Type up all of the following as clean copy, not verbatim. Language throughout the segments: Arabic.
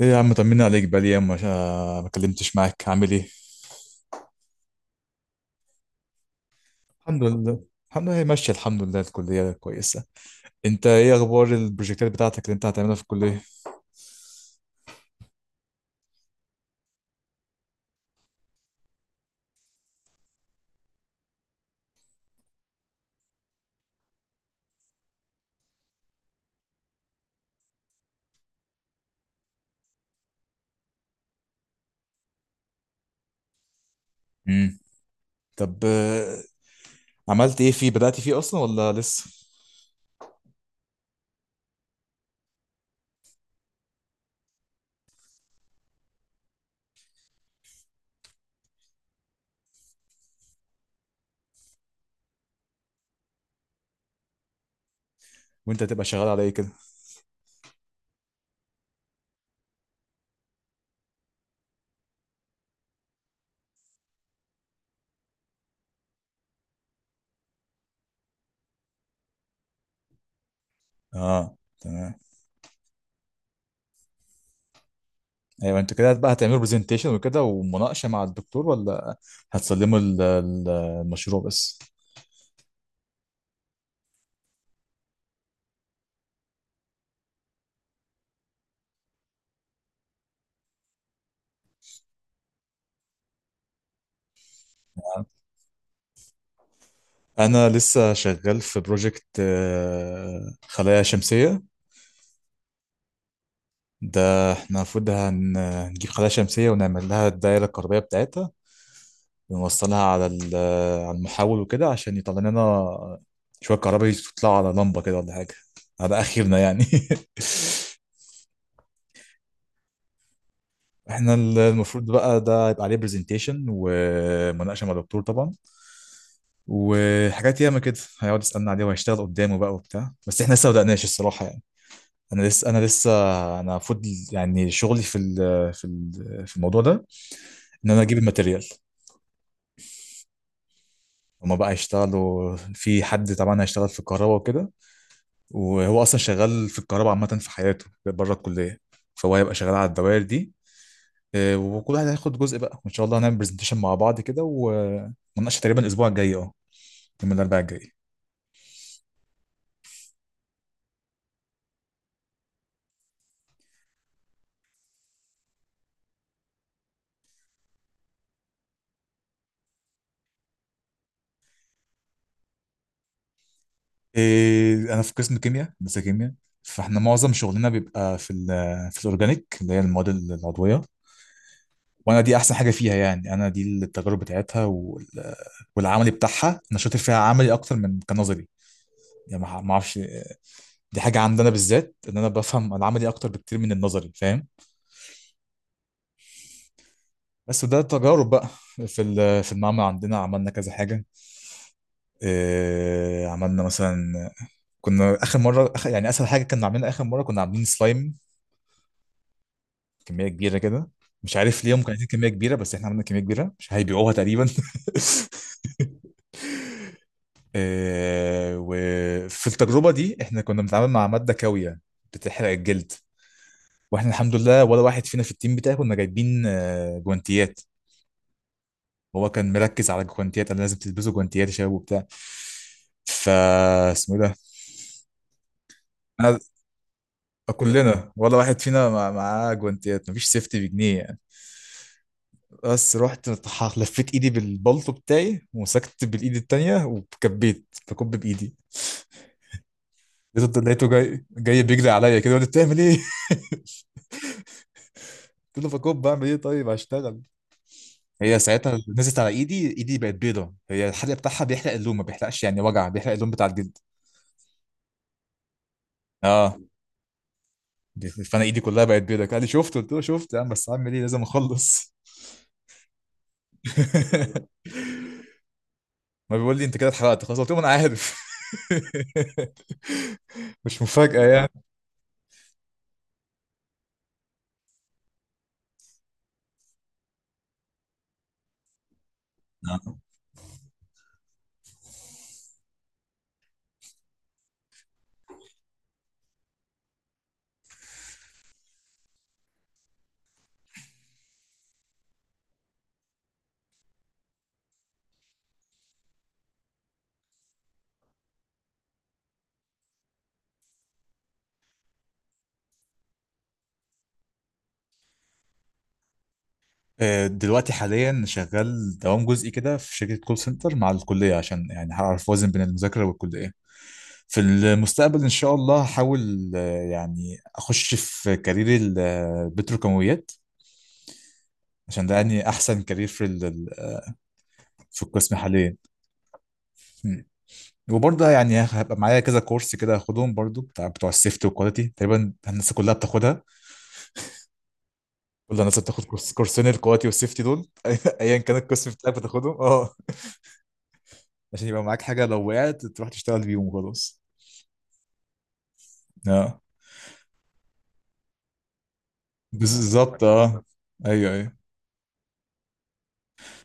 ايه يا عم، طمني عليك بقالي ايام ما كلمتش معاك. عامل ايه؟ الحمد لله، الحمد لله، هي ماشيه الحمد لله، الكليه كويسه. انت ايه اخبار البروجكتات بتاعتك اللي انت هتعملها في الكليه؟ امم طب عملت ايه فيه؟ بدأت فيه اصلا ولا لسه؟ وانت هتبقى شغال على ايه كده؟ اه تمام. ايوه، انتوا كده بقى هتعملوا برزنتيشن وكده ومناقشه مع الدكتور، ولا هتسلموا المشروع بس؟ انا لسه شغال في بروجكت خلايا شمسيه. ده احنا المفروض هنجيب خلايا شمسية ونعمل لها الدائرة الكهربية بتاعتها، ونوصلها على على المحول وكده عشان يطلع لنا شوية كهرباء، يطلعوا على لمبة كده ولا حاجة، على آخرنا يعني. احنا المفروض بقى ده يبقى عليه برزنتيشن ومناقشة مع الدكتور طبعا، وحاجات ياما كده هيقعد يسألنا عليه وهيشتغل قدامه بقى وبتاع، بس احنا لسه ما بدأناش الصراحة يعني. انا لسه انا المفروض يعني شغلي في الموضوع ده ان انا اجيب الماتيريال. هما بقى هيشتغلوا، في حد طبعا هيشتغل في الكهرباء وكده، وهو اصلا شغال في الكهرباء عامه في حياته بره الكليه، فهو هيبقى شغال على الدوائر دي. وكل واحد هياخد جزء بقى، وان شاء الله هنعمل برزنتيشن مع بعض كده ومناقشه تقريبا الاسبوع الجاي، اه يوم الاربعاء الجاي. انا في قسم كيمياء، هندسه كيمياء، فاحنا معظم شغلنا بيبقى في في الاورجانيك اللي هي المواد العضويه. وانا دي احسن حاجه فيها يعني، انا دي التجارب بتاعتها والعملي بتاعها انا شاطر فيها، عملي اكتر من كنظري يعني. ما اعرفش، دي حاجة عندنا بالذات، ان انا بفهم العملي اكتر بكتير من النظري، فاهم؟ بس ده تجارب بقى. في المعمل عندنا عملنا كذا حاجة. إيه عملنا مثلا؟ كنا اخر مرة، آخر يعني اسهل حاجة كنا عاملينها اخر مرة، كنا عاملين سلايم كمية كبيرة كده. مش عارف ليه هم كانوا عايزين كمية كبيرة، بس احنا عملنا كمية كبيرة مش هيبيعوها تقريبا. إيه، وفي التجربة دي احنا كنا بنتعامل مع مادة كاوية بتحرق الجلد، واحنا الحمد لله ولا واحد فينا في التيم بتاعي كنا جايبين جوانتيات. هو كان مركز على الجوانتيات، انا لازم تلبسوا جوانتيات يا شباب وبتاع، فا اسمه إيه ده، انا كلنا ولا واحد فينا معاه جوانتيات، مفيش سيفتي بجنيه يعني. بس رحت لفيت ايدي بالبلطو بتاعي ومسكت بالايد التانية وكبيت بكب بايدي. لقيته جاي بيجري عليا كده وقال لي بتعمل ايه؟ قلت له بكب، بعمل ايه طيب، هشتغل. هي ساعتها نزلت على ايدي، ايدي بقت بيضة، هي الحرق بتاعها بيحرق اللون، ما بيحرقش يعني وجع، بيحرق اللون بتاع الجلد. اه فانا ايدي كلها بقت بيضاء، قال لي شفت؟ قلت له شفت يا عم، بس هعمل ايه، لازم اخلص. ما بيقول لي انت كده اتحرقت خلاص، قلت له ما انا عارف. مش مفاجأة يعني. نعم. دلوقتي حاليا شغال دوام جزئي كده في شركة كول سنتر مع الكلية، عشان يعني هعرف اوازن بين المذاكرة والكلية. في المستقبل ان شاء الله هحاول يعني اخش في كارير البتروكيماويات، عشان ده يعني احسن كارير في القسم حاليا. وبرضه يعني هبقى معايا كذا كورس كده هاخدهم برضه، بتاع بتوع السيفتي والكواليتي، تقريبا الناس كلها بتاخدها. كل الناس بتاخد كورس، كورسين الكواليتي والسيفتي دول. ايا كان القسم بتاعك بتاخدهم، اه. عشان يبقى معاك حاجه لو وقعت تروح تشتغل بيهم وخلاص. اه بالظبط اه. ايوه ايوه.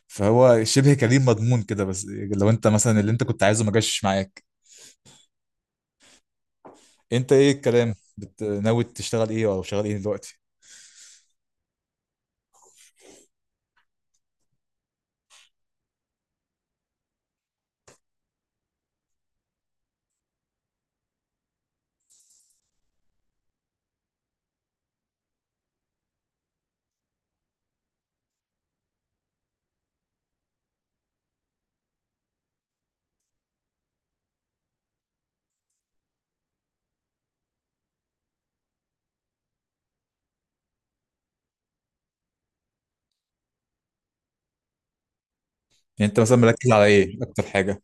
فهو شبه كريم مضمون كده، بس لو انت مثلا اللي انت كنت عايزه ما جاش معاك. انت ايه الكلام ناوي تشتغل ايه او شغال ايه دلوقتي؟ يعني انت مثلا مركز على ايه اكتر حاجه؟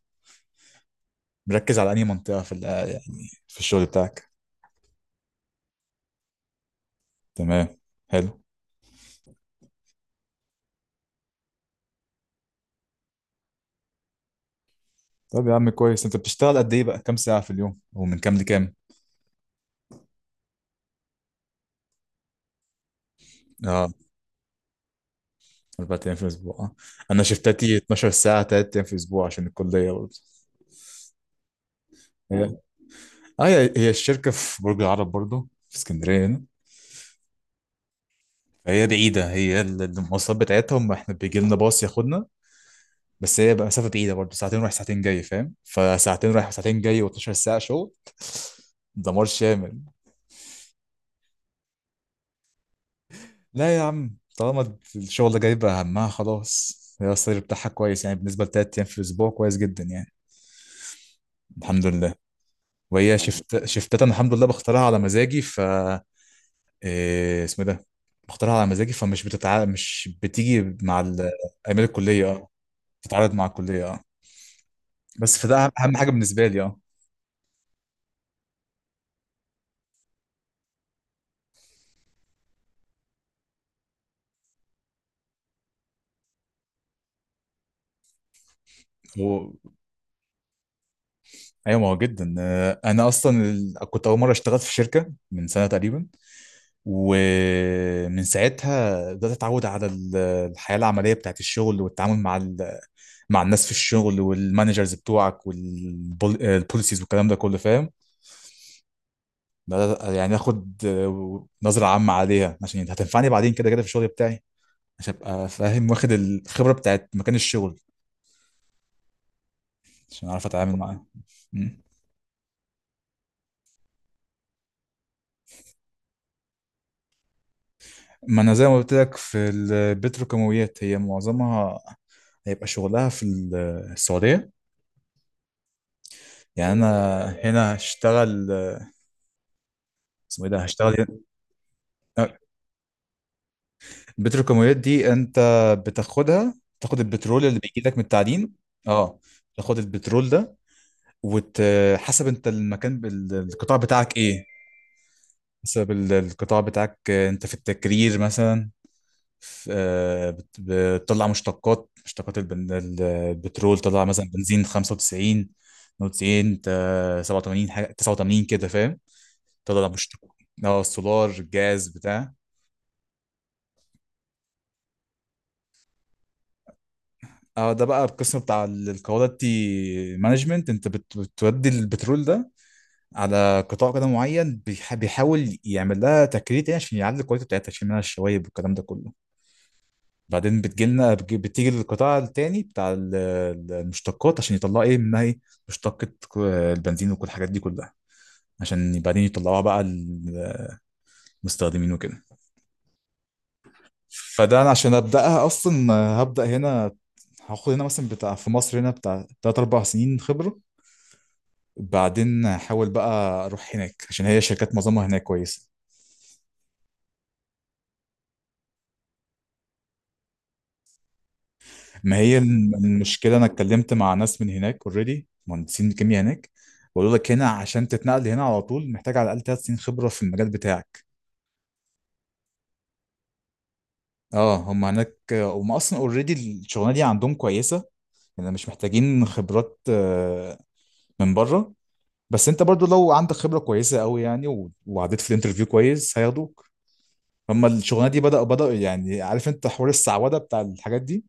مركز على انهي منطقه يعني في الشغل بتاعك؟ تمام، حلو. طب يا عم كويس، انت بتشتغل قد ايه بقى؟ كام ساعة في اليوم ومن كام لكام؟ اه اربع ايام في الاسبوع آه. انا شفتاتي 12 ساعة تلات ايام في الاسبوع عشان الكلية برضه. هي اه هي الشركة في برج العرب برضه في اسكندرية هنا، فهي بعيدة. هي المواصلات بتاعتهم احنا بيجي لنا باص ياخدنا، بس هي بقى مسافة بعيدة برضه، ساعتين رايح ساعتين جاي، فاهم؟ فساعتين رايح وساعتين جاي و12 ساعة شغل، دمار شامل. لا يا عم، طالما الشغل ده جايب همها خلاص، هي السالري بتاعها كويس يعني، بالنسبة لتلات أيام في الأسبوع كويس جدا يعني، الحمد لله. وهي شفت، شفتات أنا الحمد لله بختارها على مزاجي، ف إيه اسمه ده، بختارها على مزاجي فمش مش بتيجي مع أيام الكلية، اه بتتعارض مع الكلية اه. بس فده أهم حاجة بالنسبة لي اه. هو أيوة ما هو جدا. أنا أصلا كنت أول مرة اشتغلت في شركة من سنة تقريبا، ومن ساعتها بدأت أتعود على الحياة العملية بتاعت الشغل والتعامل مع مع الناس في الشغل والمانجرز بتوعك والبوليسيز والكلام ده كله، فاهم؟ بدأت يعني آخد نظرة عامة عليها عشان هتنفعني بعدين كده كده في الشغل بتاعي، عشان أبقى فاهم واخد الخبرة بتاعت مكان الشغل، عشان أعرف أتعامل معاه. مم. ما أنا زي ما قلت لك في البتروكيماويات، هي معظمها هيبقى شغلها في السعودية. يعني أنا هنا هشتغل، اسمه ايه ده، هشتغل البتروكيماويات دي. انت بتاخدها، تاخد البترول اللي بيجي لك من التعدين. اه تاخد البترول ده، وحسب انت المكان القطاع بتاعك ايه. حسب القطاع بتاعك، انت في التكرير مثلا بتطلع مشتقات، مشتقات البترول، طلع مثلا بنزين 95 92 87 حاجه 89 كده فاهم، تطلع مشتق. اه السولار، الجاز بتاع. اه ده بقى القسم بتاع الكواليتي مانجمنت، انت بتودي البترول ده على قطاع كده معين بيحاول يعمل لها تكريت يعني، عشان يعلي الكواليتي بتاعتها، يشيل منها الشوايب والكلام ده كله. بعدين بتيجي للقطاع التاني بتاع المشتقات، عشان يطلعوا ايه منها، ايه مشتقة البنزين وكل الحاجات دي كلها، عشان بعدين يطلعوها بقى للمستخدمين وكده. فده انا عشان ابداها اصلا، هبدا هنا، هاخد هنا مثلا بتاع في مصر هنا بتاع 3 4 سنين خبرة، بعدين حاول بقى اروح هناك، عشان هي شركات معظمها هناك كويسه. ما هي المشكله، انا اتكلمت مع ناس من هناك اوريدي، مهندسين كيمياء هناك، بقول لك هنا عشان تتنقل هنا على طول محتاج على الاقل ثلاث سنين خبره في المجال بتاعك. اه هم هناك هم اصلا اوريدي الشغلانه دي عندهم كويسه، يعني مش محتاجين خبرات من بره. بس انت برضو لو عندك خبره كويسه قوي يعني وعديت في الانترفيو كويس هياخدوك. هم الشغلانه دي بدأ يعني، عارف انت حوار السعوده بتاع الحاجات دي،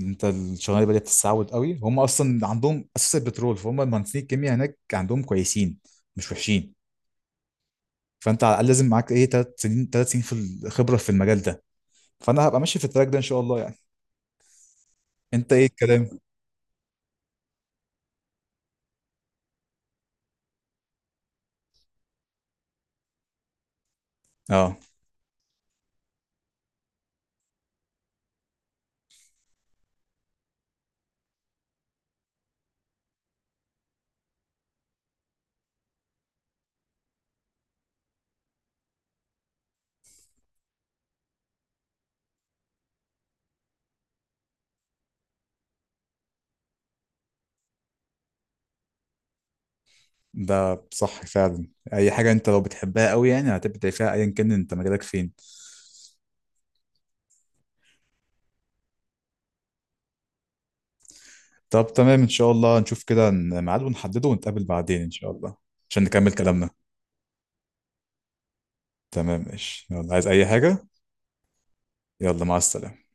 انت الشغلانه بدات تستعود قوي، هم اصلا عندهم اساس البترول، فهم المهندسين الكيمياء هناك عندهم كويسين مش وحشين. فانت على الاقل لازم معاك ايه ثلاث سنين، ثلاث سنين في الخبره في المجال ده. فانا هبقى ماشي في التراك ده ان شاء الله يعني. انت ايه الكلام؟ اه ده صح فعلا، اي حاجه انت لو بتحبها قوي يعني هتبدع فيها ايا كان انت مجالك فين. طب تمام ان شاء الله، نشوف كده ميعاد ونحدده ونتقابل بعدين ان شاء الله، عشان نكمل كلامنا. تمام ماشي، يلا عايز اي حاجه؟ يلا مع السلامه.